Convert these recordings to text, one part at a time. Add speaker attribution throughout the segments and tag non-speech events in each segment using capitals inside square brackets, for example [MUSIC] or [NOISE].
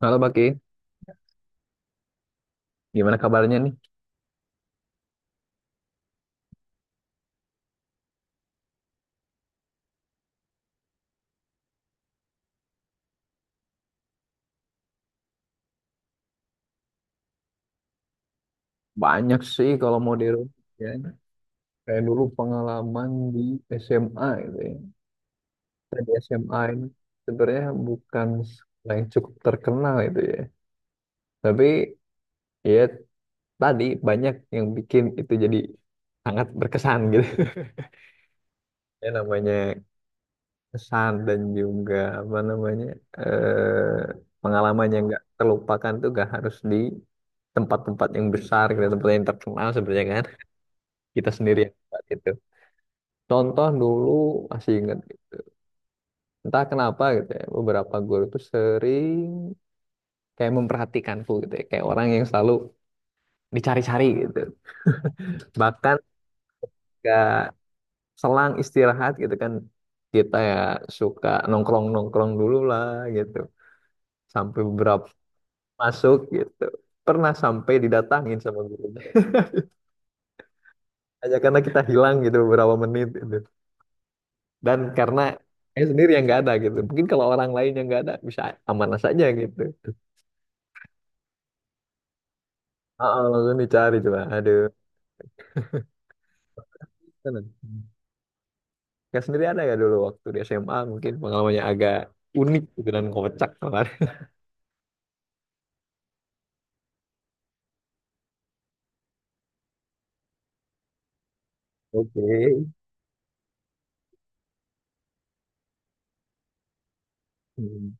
Speaker 1: Halo Baki, gimana kabarnya nih? Banyak sih kalau mau dirubah ya. Kayak dulu pengalaman di SMA gitu ya. Saya di SMA ini sebenarnya bukan sekolah yang cukup terkenal itu ya. Tapi ya tadi banyak yang bikin itu jadi sangat berkesan gitu. [LAUGHS] Ya namanya kesan dan juga apa namanya eh, pengalaman yang nggak terlupakan tuh gak harus di tempat-tempat yang besar, gitu, tempat yang terkenal sebenarnya kan. Kita sendiri yang buat itu. Contoh dulu masih inget, entah kenapa gitu ya, beberapa guru tuh sering kayak memperhatikanku gitu ya, kayak orang yang selalu dicari-cari gitu. Bahkan gak selang istirahat gitu kan, kita ya suka nongkrong-nongkrong dulu lah gitu. Sampai beberapa masuk gitu. Pernah sampai didatangin sama gurunya. Hanya karena kita hilang gitu beberapa menit gitu. Dan karena saya sendiri yang nggak ada gitu. Mungkin kalau orang lain yang nggak ada bisa amanah saja gitu. Ah, langsung dicari coba. Aduh. Kan Kak sendiri ada nggak dulu waktu di SMA mungkin pengalamannya agak unik gitu dan kocak kemarin. [LAUGHS] Oke. Hmm.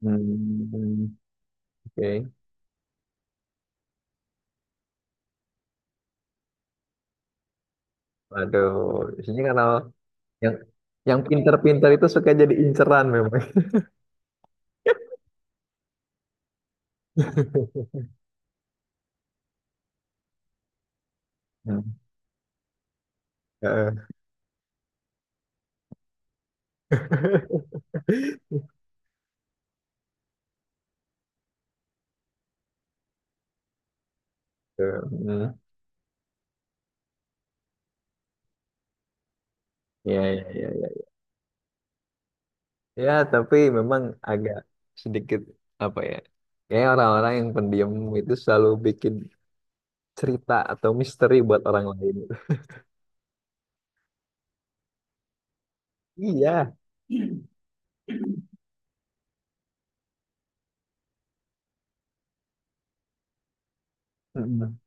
Speaker 1: Hmm. Oke. Waduh. Biasanya karena yang yang pinter-pinter itu suka jadi inceran memang. [LAUGHS] Hmm. Heeh. Hmm. Ya, ya, ya, ya. Ya, tapi memang agak sedikit apa ya? Kayak orang-orang yang pendiam itu selalu bikin cerita atau misteri buat orang lain. [LAUGHS] Iya. Mm-mm.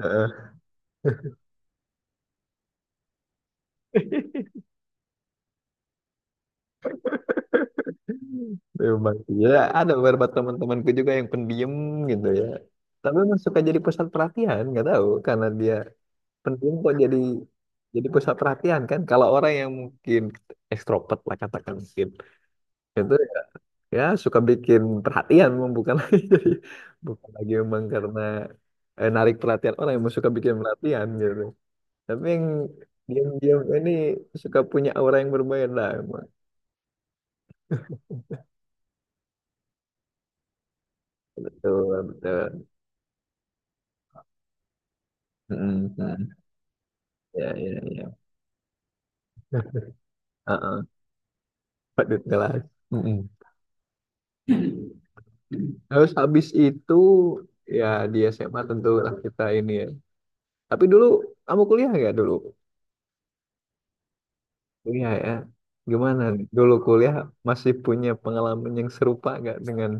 Speaker 1: Heeh. [LAUGHS] Memang. Ya, ada beberapa teman-temanku juga yang pendiam gitu ya. Tapi emang suka jadi pusat perhatian, nggak tahu karena dia pendiam kok jadi pusat perhatian kan. Kalau orang yang mungkin ekstrovert lah katakan mungkin itu ya suka bikin perhatian, emang bukan [LAUGHS] lagi jadi bukan lagi memang karena narik perhatian orang yang suka bikin perhatian gitu. Tapi yang diam-diam ini suka punya aura yang berbeda emang. Betul, betul. Mm, mm. Ya, ya, ya. Heeh, patut kelas. Mm-mm. Terus habis itu ya di SMA tentulah kita ini ya. Tapi dulu kamu kuliah nggak dulu? Kuliah ya. Gimana nih? Dulu kuliah masih punya pengalaman yang serupa nggak dengan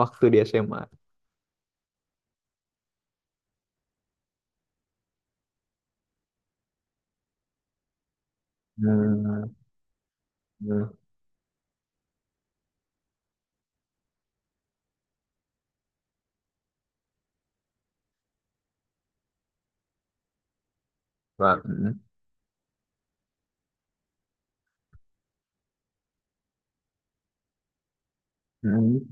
Speaker 1: waktu di SMA? Hmm, hmm. Wah, mm, mm.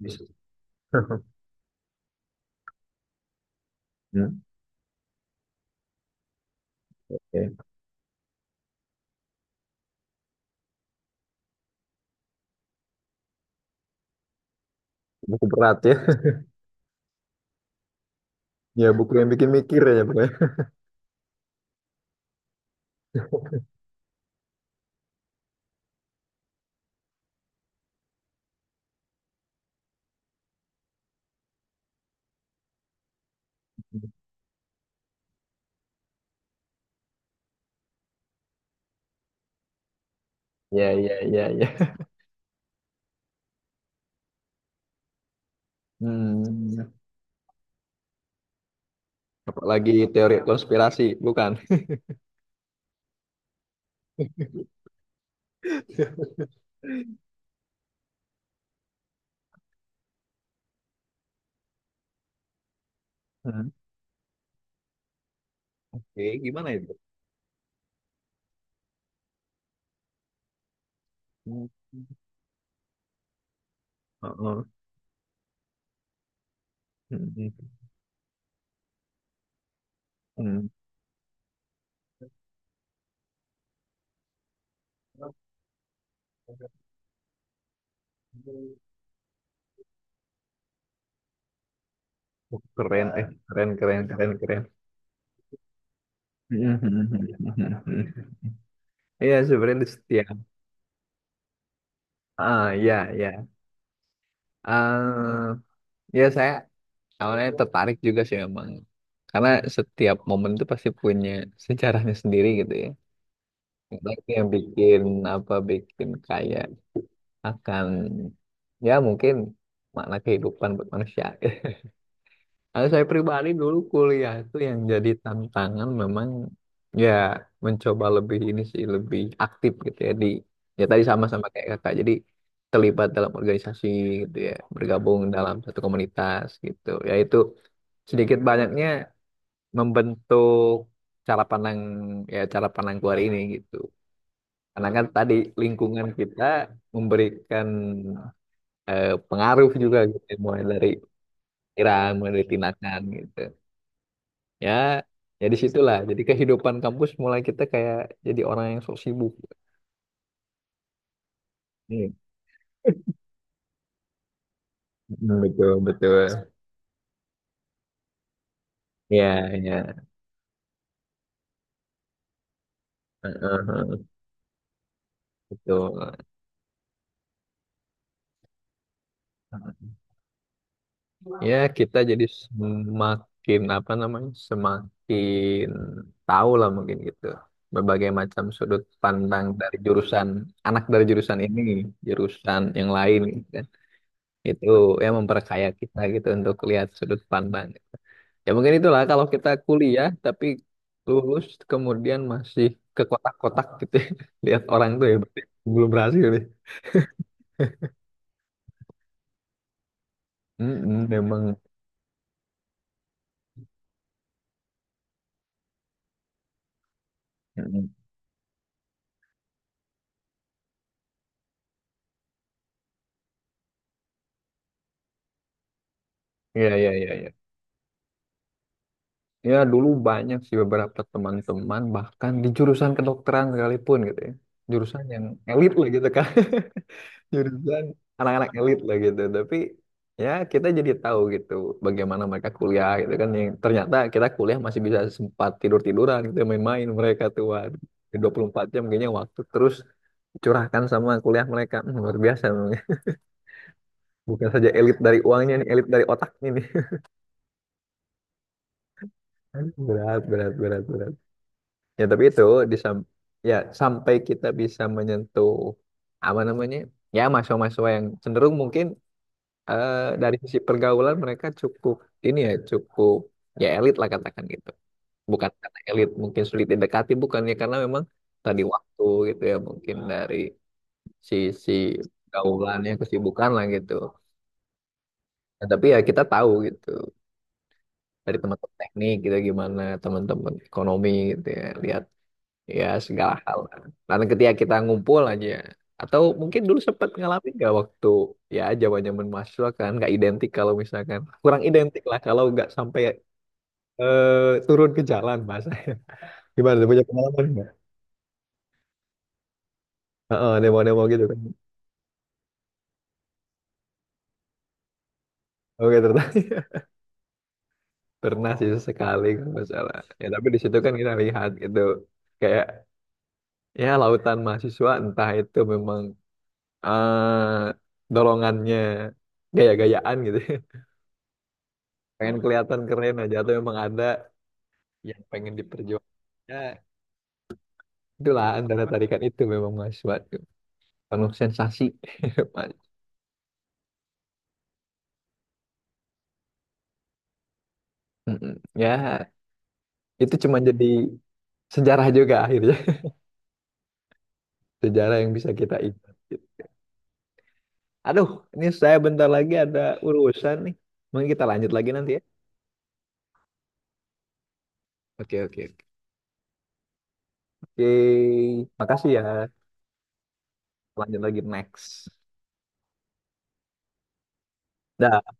Speaker 1: Bisa. [LAUGHS] Hmm, oke. Buku berat ya. Ya, buku yang bikin mikir ya, Bro. Ya, ya, ya, ya. Hmm. Apalagi teori konspirasi, bukan? [LAUGHS] Hmm. Oke, gimana itu? Hmm. Heeh. Hmm. Hmm. Hmm. Oh, keren, keren, keren, keren, keren. [LAUGHS] Hmm, hmm, hmm, hmm, hmm. Iya, sebenarnya di setiap, ya, ya, ah, ya saya awalnya tertarik juga sih memang, karena setiap momen itu pasti punya sejarahnya sendiri gitu ya. Karena itu yang bikin apa, bikin kaya akan ya mungkin makna kehidupan buat manusia. [LAUGHS] Kalau saya pribadi dulu kuliah itu yang jadi tantangan memang, ya mencoba lebih ini sih lebih aktif gitu ya. Di ya tadi sama-sama kayak kakak jadi terlibat dalam organisasi gitu ya, bergabung dalam satu komunitas gitu ya, itu sedikit banyaknya membentuk cara pandang, ya cara pandang keluar ini gitu. Karena kan tadi lingkungan kita memberikan pengaruh juga gitu, mulai dari pikiran mulai dari tindakan gitu ya. Jadi situlah jadi kehidupan kampus mulai kita kayak jadi orang yang sok sibuk. Nih, mm, betul betul ya, ya. Heeh, heeh, betul. Ya kita jadi semakin apa namanya, semakin tahu lah mungkin gitu berbagai macam sudut pandang dari jurusan anak dari jurusan ini, jurusan yang lain gitu. Itu yang memperkaya kita gitu untuk lihat sudut pandang. Ya mungkin itulah kalau kita kuliah, tapi lulus kemudian masih ke kotak-kotak gitu ya. [LAUGHS] Lihat orang tuh ya berarti belum berhasil deh. Mm-mm, memang. Mm-mm. Iya iya iya iya. Ya dulu banyak sih beberapa teman-teman bahkan di jurusan kedokteran sekalipun gitu ya. Jurusan yang elit lah gitu kan. [LAUGHS] Jurusan anak-anak elit lah gitu, tapi ya kita jadi tahu gitu bagaimana mereka kuliah gitu kan, yang ternyata kita kuliah masih bisa sempat tidur-tiduran gitu main-main, mereka tuh waduh, 24 jam kayaknya waktu terus curahkan sama kuliah mereka. Hmm, luar biasa memang ya. Bukan saja elit dari uangnya nih, elit dari otaknya nih. [LAUGHS] Aduh, berat berat berat berat, ya tapi itu di sam- ya sampai kita bisa menyentuh apa namanya, ya mahasiswa-mahasiswa yang cenderung mungkin eh, dari sisi pergaulan mereka cukup ini ya, cukup ya elit lah katakan gitu. Bukan karena elit mungkin sulit didekati, bukannya, karena memang tadi waktu gitu ya, mungkin dari sisi pergaulannya kesibukan lah gitu. Nah, tapi ya kita tahu gitu dari teman-teman teknik gitu, gimana teman-teman ekonomi gitu ya lihat ya segala hal. Dan ketika kita ngumpul aja, atau mungkin dulu sempat ngalamin nggak waktu ya zamannya mahasiswa kan nggak identik, kalau misalkan kurang identik lah kalau nggak sampai turun ke jalan bahasa. [LAUGHS] Gimana tuh, punya pengalaman nggak? Heeh, demo-demo gitu kan. Oke, ternyata [LAUGHS] pernah sih sekali kalau nggak salah. Ya tapi di situ kan kita lihat gitu kayak ya lautan mahasiswa, entah itu memang eh dorongannya gaya-gayaan gitu [LAUGHS] pengen kelihatan keren aja, atau memang ada yang pengen diperjuangkan, ya itulah antara tarikan itu memang mas, suatu penuh sensasi. [LAUGHS] Mas. Mm-mm. Ya itu cuma jadi sejarah juga akhirnya, [LAUGHS] sejarah yang bisa kita ingat gitu. Aduh, ini saya bentar lagi ada urusan nih, mungkin kita lanjut lagi nanti ya. Oke oke oke. Oke, makasih ya, lanjut lagi next. Dah.